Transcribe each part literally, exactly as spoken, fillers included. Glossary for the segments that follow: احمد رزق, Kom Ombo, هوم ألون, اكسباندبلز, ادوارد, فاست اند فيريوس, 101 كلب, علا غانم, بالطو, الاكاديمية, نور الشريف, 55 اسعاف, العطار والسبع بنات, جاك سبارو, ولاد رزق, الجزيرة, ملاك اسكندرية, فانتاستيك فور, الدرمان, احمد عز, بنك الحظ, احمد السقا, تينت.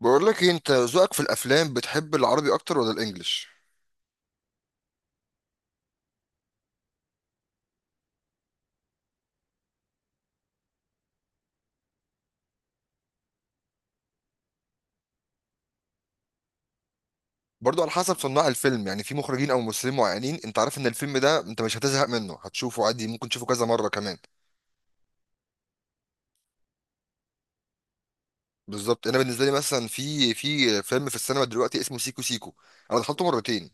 بقول لك ايه، انت ذوقك في الافلام بتحب العربي اكتر ولا الانجليش؟ برضو على حسب صناع الفيلم، يعني في مخرجين او ممثلين معينين انت عارف ان الفيلم ده انت مش هتزهق منه، هتشوفه عادي، ممكن تشوفه كذا مره كمان. بالظبط، انا بالنسبه لي مثلا في في فيلم في السينما دلوقتي اسمه سيكو سيكو. انا دخلته مرتين.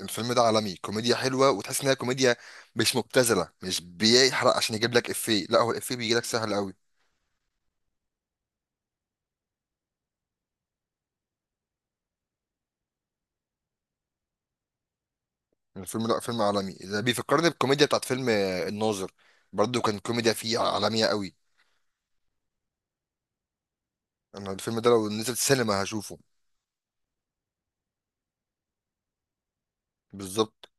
الفيلم ده عالمي، كوميديا حلوه وتحس انها كوميديا مش مبتذله، مش بيحرق عشان يجيب لك افيه، لا هو الافيه بيجي لك سهل قوي. الفيلم، لا فيلم عالمي ده بيفكرني بالكوميديا بتاعت فيلم آه، الناظر. برضو كان كوميديا فيه عالميه قوي. انا الفيلم ده لو نزل سينما هشوفه. بالظبط.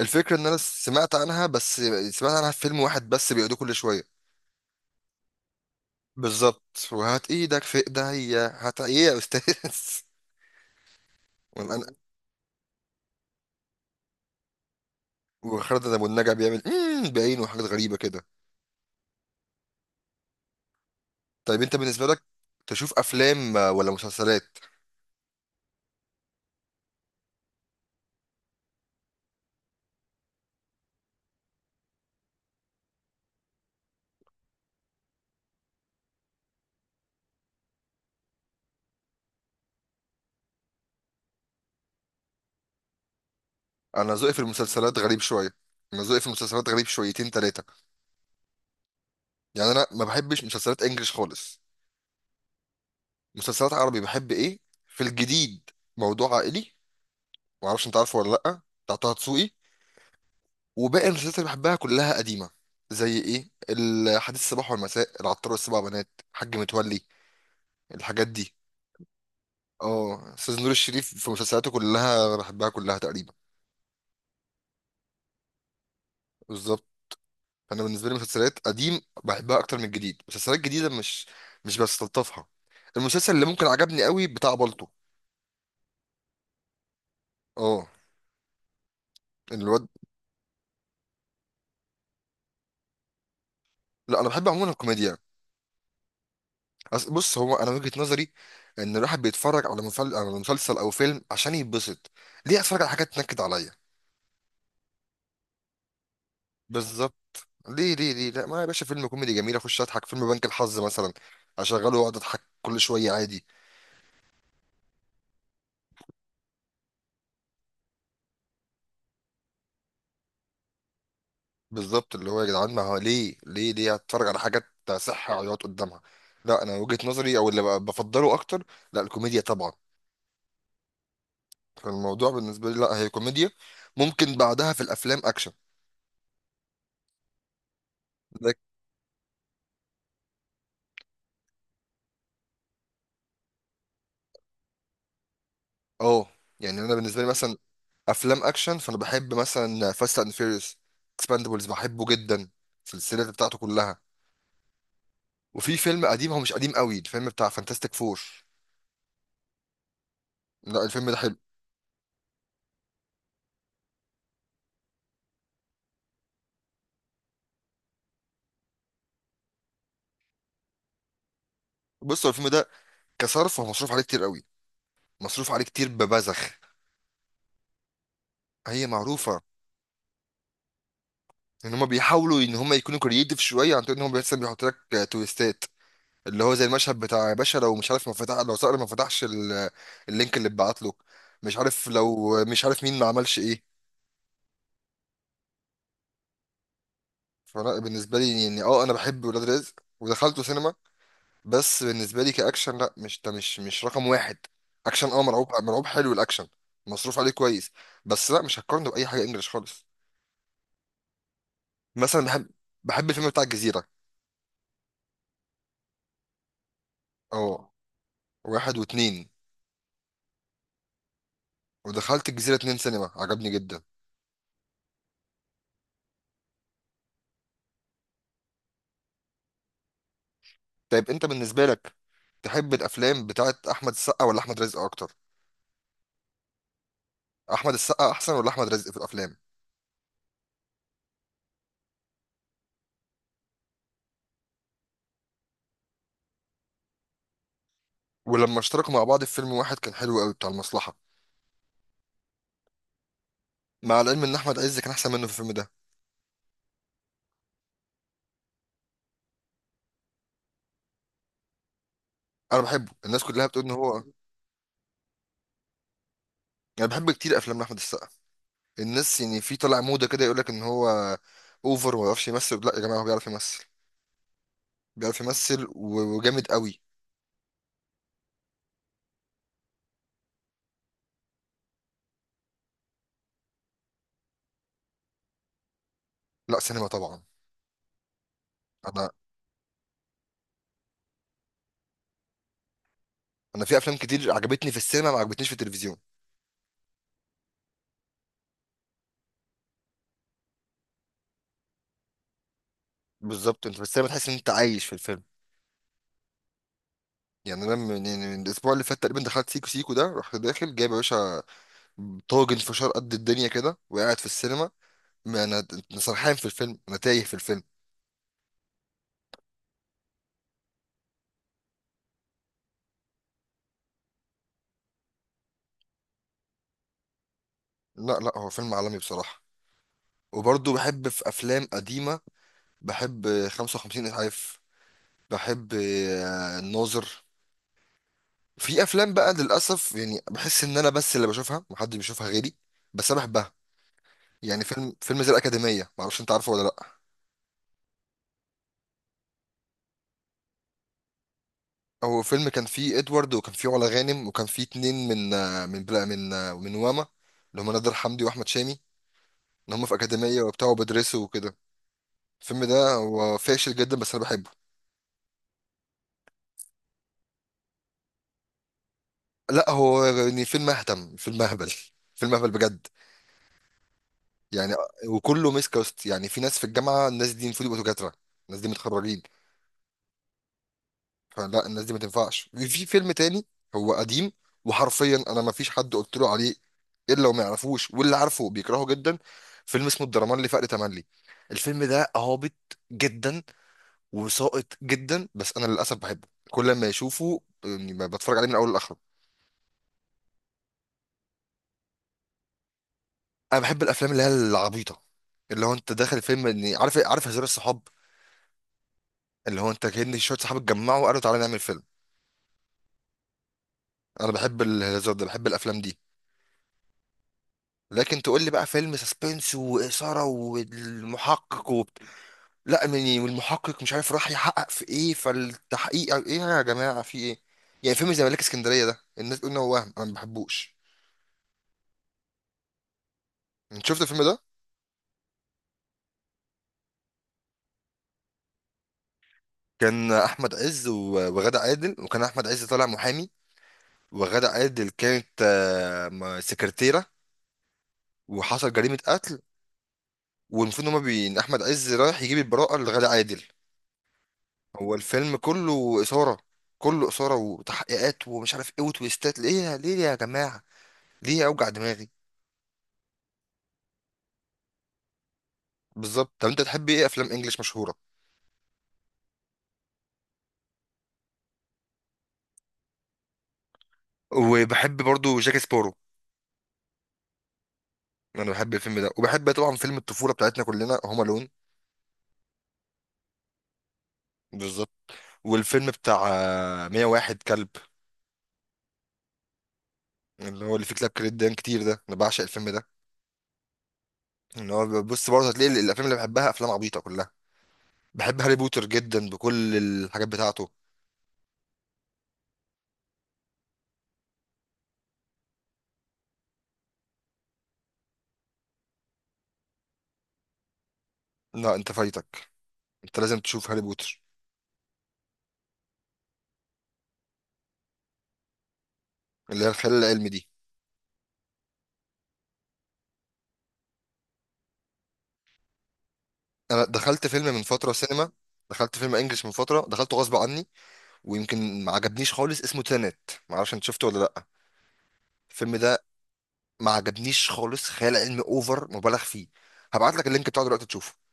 الفكره ان انا سمعت عنها بس. سمعت عنها في فيلم واحد بس بيقعدوا كل شويه. بالظبط، وهات ايدك في ايديا، هات ايه يا استاذ. وانا وخالد ابو النجا بيعمل امم بعينه وحاجات غريبه كده. طيب انت بالنسبه لك تشوف افلام ولا مسلسلات؟ انا ذوقي في المسلسلات غريب شويه. انا ذوقي في المسلسلات غريب شويتين ثلاثه. يعني انا ما بحبش مسلسلات انجليش خالص. مسلسلات عربي بحب ايه؟ في الجديد، موضوع عائلي، معرفش انت عارفه ولا لأ، بتاع طه دسوقي. وباقي المسلسلات اللي بحبها كلها قديمة، زي ايه، الحديث الصباح والمساء، العطار والسبع بنات، حاج متولي، الحاجات دي. اه، استاذ نور الشريف في مسلسلاته كلها بحبها كلها تقريبا. بالظبط. فانا بالنسبه لي مسلسلات قديم بحبها اكتر من الجديد، مسلسلات جديده مش مش بستلطفها. المسلسل اللي ممكن عجبني قوي بتاع بالطو. اه، الواد. لا انا بحب عموما الكوميديا. أص- بص هو انا وجهة نظري ان الواحد بيتفرج على مسل- على مسلسل او فيلم عشان يتبسط، ليه اتفرج على حاجات تنكد عليا؟ بالظبط، ليه ليه ليه، لا ما يا باشا، فيلم كوميدي جميل اخش اضحك، فيلم بنك الحظ مثلا، اشغله واقعد اضحك كل شويه عادي. بالظبط، اللي هو يا جدعان ما هو ليه ليه ليه اتفرج على حاجات صحة عياط قدامها؟ لا انا وجهة نظري او اللي ب- بفضله اكتر، لا الكوميديا طبعا. فالموضوع بالنسبه لي، لا هي كوميديا. ممكن بعدها في الافلام اكشن. لك- اه، يعني انا بالنسبه لي مثلا افلام اكشن، فانا بحب مثلا فاست اند فيريوس. اكسباندبلز بحبه جدا، السلسله بتاعته كلها. وفي فيلم قديم، هو مش قديم قوي، الفيلم بتاع فانتاستيك فور. لا الفيلم ده حلو. بص هو الفيلم ده كصرف هو مصروف عليه كتير قوي، مصروف عليه كتير ببذخ. هي معروفه، ان هما بيحاولوا ان هما يكونوا كرييتيف شويه عن طريق ان هما بس بيحط لك تويستات، اللي هو زي المشهد بتاع يا باشا لو مش عارف ما فتح، لو صقر ما فتحش ال- اللينك اللي اتبعت له، مش عارف، لو مش عارف مين ما عملش ايه. فلا بالنسبه لي يعني اه انا بحب ولاد رزق ودخلته سينما، بس بالنسبه لي كاكشن لا مش ده، مش مش رقم واحد. اكشن اه، مرعوب مرعوب، حلو الاكشن، مصروف عليه كويس، بس لا مش هقارنه باي حاجه انجلش خالص. مثلا بحب بحب الفيلم بتاع الجزيره، اه، واحد واتنين. ودخلت الجزيره اتنين سينما، عجبني جدا. طيب انت بالنسبه لك تحب الافلام بتاعت احمد السقا ولا احمد رزق اكتر؟ احمد السقا احسن ولا احمد رزق في الافلام؟ ولما اشتركوا مع بعض في فيلم واحد كان حلو قوي، بتاع المصلحه، مع العلم ان احمد عز كان احسن منه في الفيلم ده. انا بحبه، الناس كلها بتقول ان هو، انا بحب كتير افلام احمد السقا. الناس يعني في طالع موضه كده يقول لك ان هو اوفر وما بيعرفش يمثل، لا يا جماعه هو بيعرف يمثل، بيعرف يمثل و- وجامد قوي. لا سينما طبعا. انا انا في افلام كتير عجبتني في السينما ما عجبتنيش في التلفزيون. بالظبط، انت في السينما تحس ان انت عايش في الفيلم. يعني انا من, يعني من الاسبوع اللي فات تقريبا دخلت سيكو سيكو ده، رحت داخل جايب يا باشا طاجن فشار قد الدنيا كده وقاعد في السينما، ما انا أنا سرحان في الفيلم، انا تايه في الفيلم. لا لا، هو فيلم عالمي بصراحه. وبرضه بحب في افلام قديمه، بحب خمسه وخمسين اسعاف، بحب آه، الناظر. في افلام بقى للاسف يعني بحس ان انا بس اللي بشوفها محدش بيشوفها غيري، بس انا بحبها. يعني فيلم فيلم زي الاكاديميه، معرفش انت عارفه ولا لا. هو فيلم كان فيه ادوارد، وكان فيه علا غانم، وكان فيه اتنين من آه، من بلا من آه، من واما، اللي هم نادر حمدي واحمد شامي، ان هم في اكاديميه وبتاع وبيدرسوا وكده. الفيلم ده هو فاشل جدا، بس انا بحبه. لا هو يعني فيلم اهتم فيلم اهبل، فيلم اهبل بجد، يعني، وكله ميس كاست. يعني في ناس في الجامعه، الناس دي المفروض يبقوا دكاتره، الناس دي متخرجين، فلا الناس دي ما تنفعش في في فيلم تاني. هو قديم، وحرفيا انا ما فيش حد قلت له عليه الا وما يعرفوش، واللي عارفه بيكرهه جدا. فيلم اسمه الدرمان لفقر تملي، الفيلم ده هابط جدا وساقط جدا، بس انا للاسف بحبه، كل ما اشوفه يعني بتفرج عليه من اول لاخره. انا بحب الافلام اللي هي العبيطه، اللي هو انت داخل فيلم اني عارف عارف هزار الصحاب، اللي هو انت كأن شويه صحاب اتجمعوا وقالوا تعالى نعمل فيلم. انا بحب الهزار ده، بحب الافلام دي. لكن تقول لي بقى فيلم سسبنس واثاره والمحقق وبت... لا يعني، والمحقق مش عارف راح يحقق في ايه، فالتحقيق أو ايه يا جماعه في ايه؟ يعني فيلم زي ملاك اسكندريه ده الناس تقول ان هو وهم، انا ما بحبوش. انت شفت الفيلم ده؟ كان احمد عز و- وغادة عادل، وكان احمد عز طالع محامي، وغادة عادل كانت آه، م- سكرتيره، وحصل جريمه قتل، والمفروض ان هما بي... إن احمد عز رايح يجيب البراءه لغادة عادل. هو الفيلم كله إثارة، كله إثارة وتحقيقات ومش عارف إيه وتويستات، ليه ليه يا جماعة، ليه أوجع دماغي؟ بالظبط، طب أنت تحب إيه أفلام إنجليش مشهورة؟ وبحب برضو جاك سبارو، أنا بحب الفيلم ده. وبحب طبعا فيلم الطفولة بتاعتنا كلنا، هوم ألون. بالظبط. والفيلم بتاع آه، ميه وواحد كلب، اللي هو اللي فيه كلاب كريدان كتير ده، أنا بعشق الفيلم ده. إن هو، بص برضه هتلاقي الأفلام اللي بحبها أفلام عبيطة كلها، بحب هاري بوتر جدا بكل الحاجات بتاعته. لا أنت فايتك، أنت لازم تشوف هاري بوتر، اللي هي الخيال العلمي دي. انا دخلت فيلم من فتره سينما، دخلت فيلم انجلش من فتره دخلته غصب عني، ويمكن ما عجبنيش خالص، اسمه تينت، ما اعرفش انت شفته ولا لا الفيلم ده. ما عجبنيش خالص، خيال علمي اوفر مبالغ فيه، هبعت لك اللينك بتاعه دلوقتي تشوفه.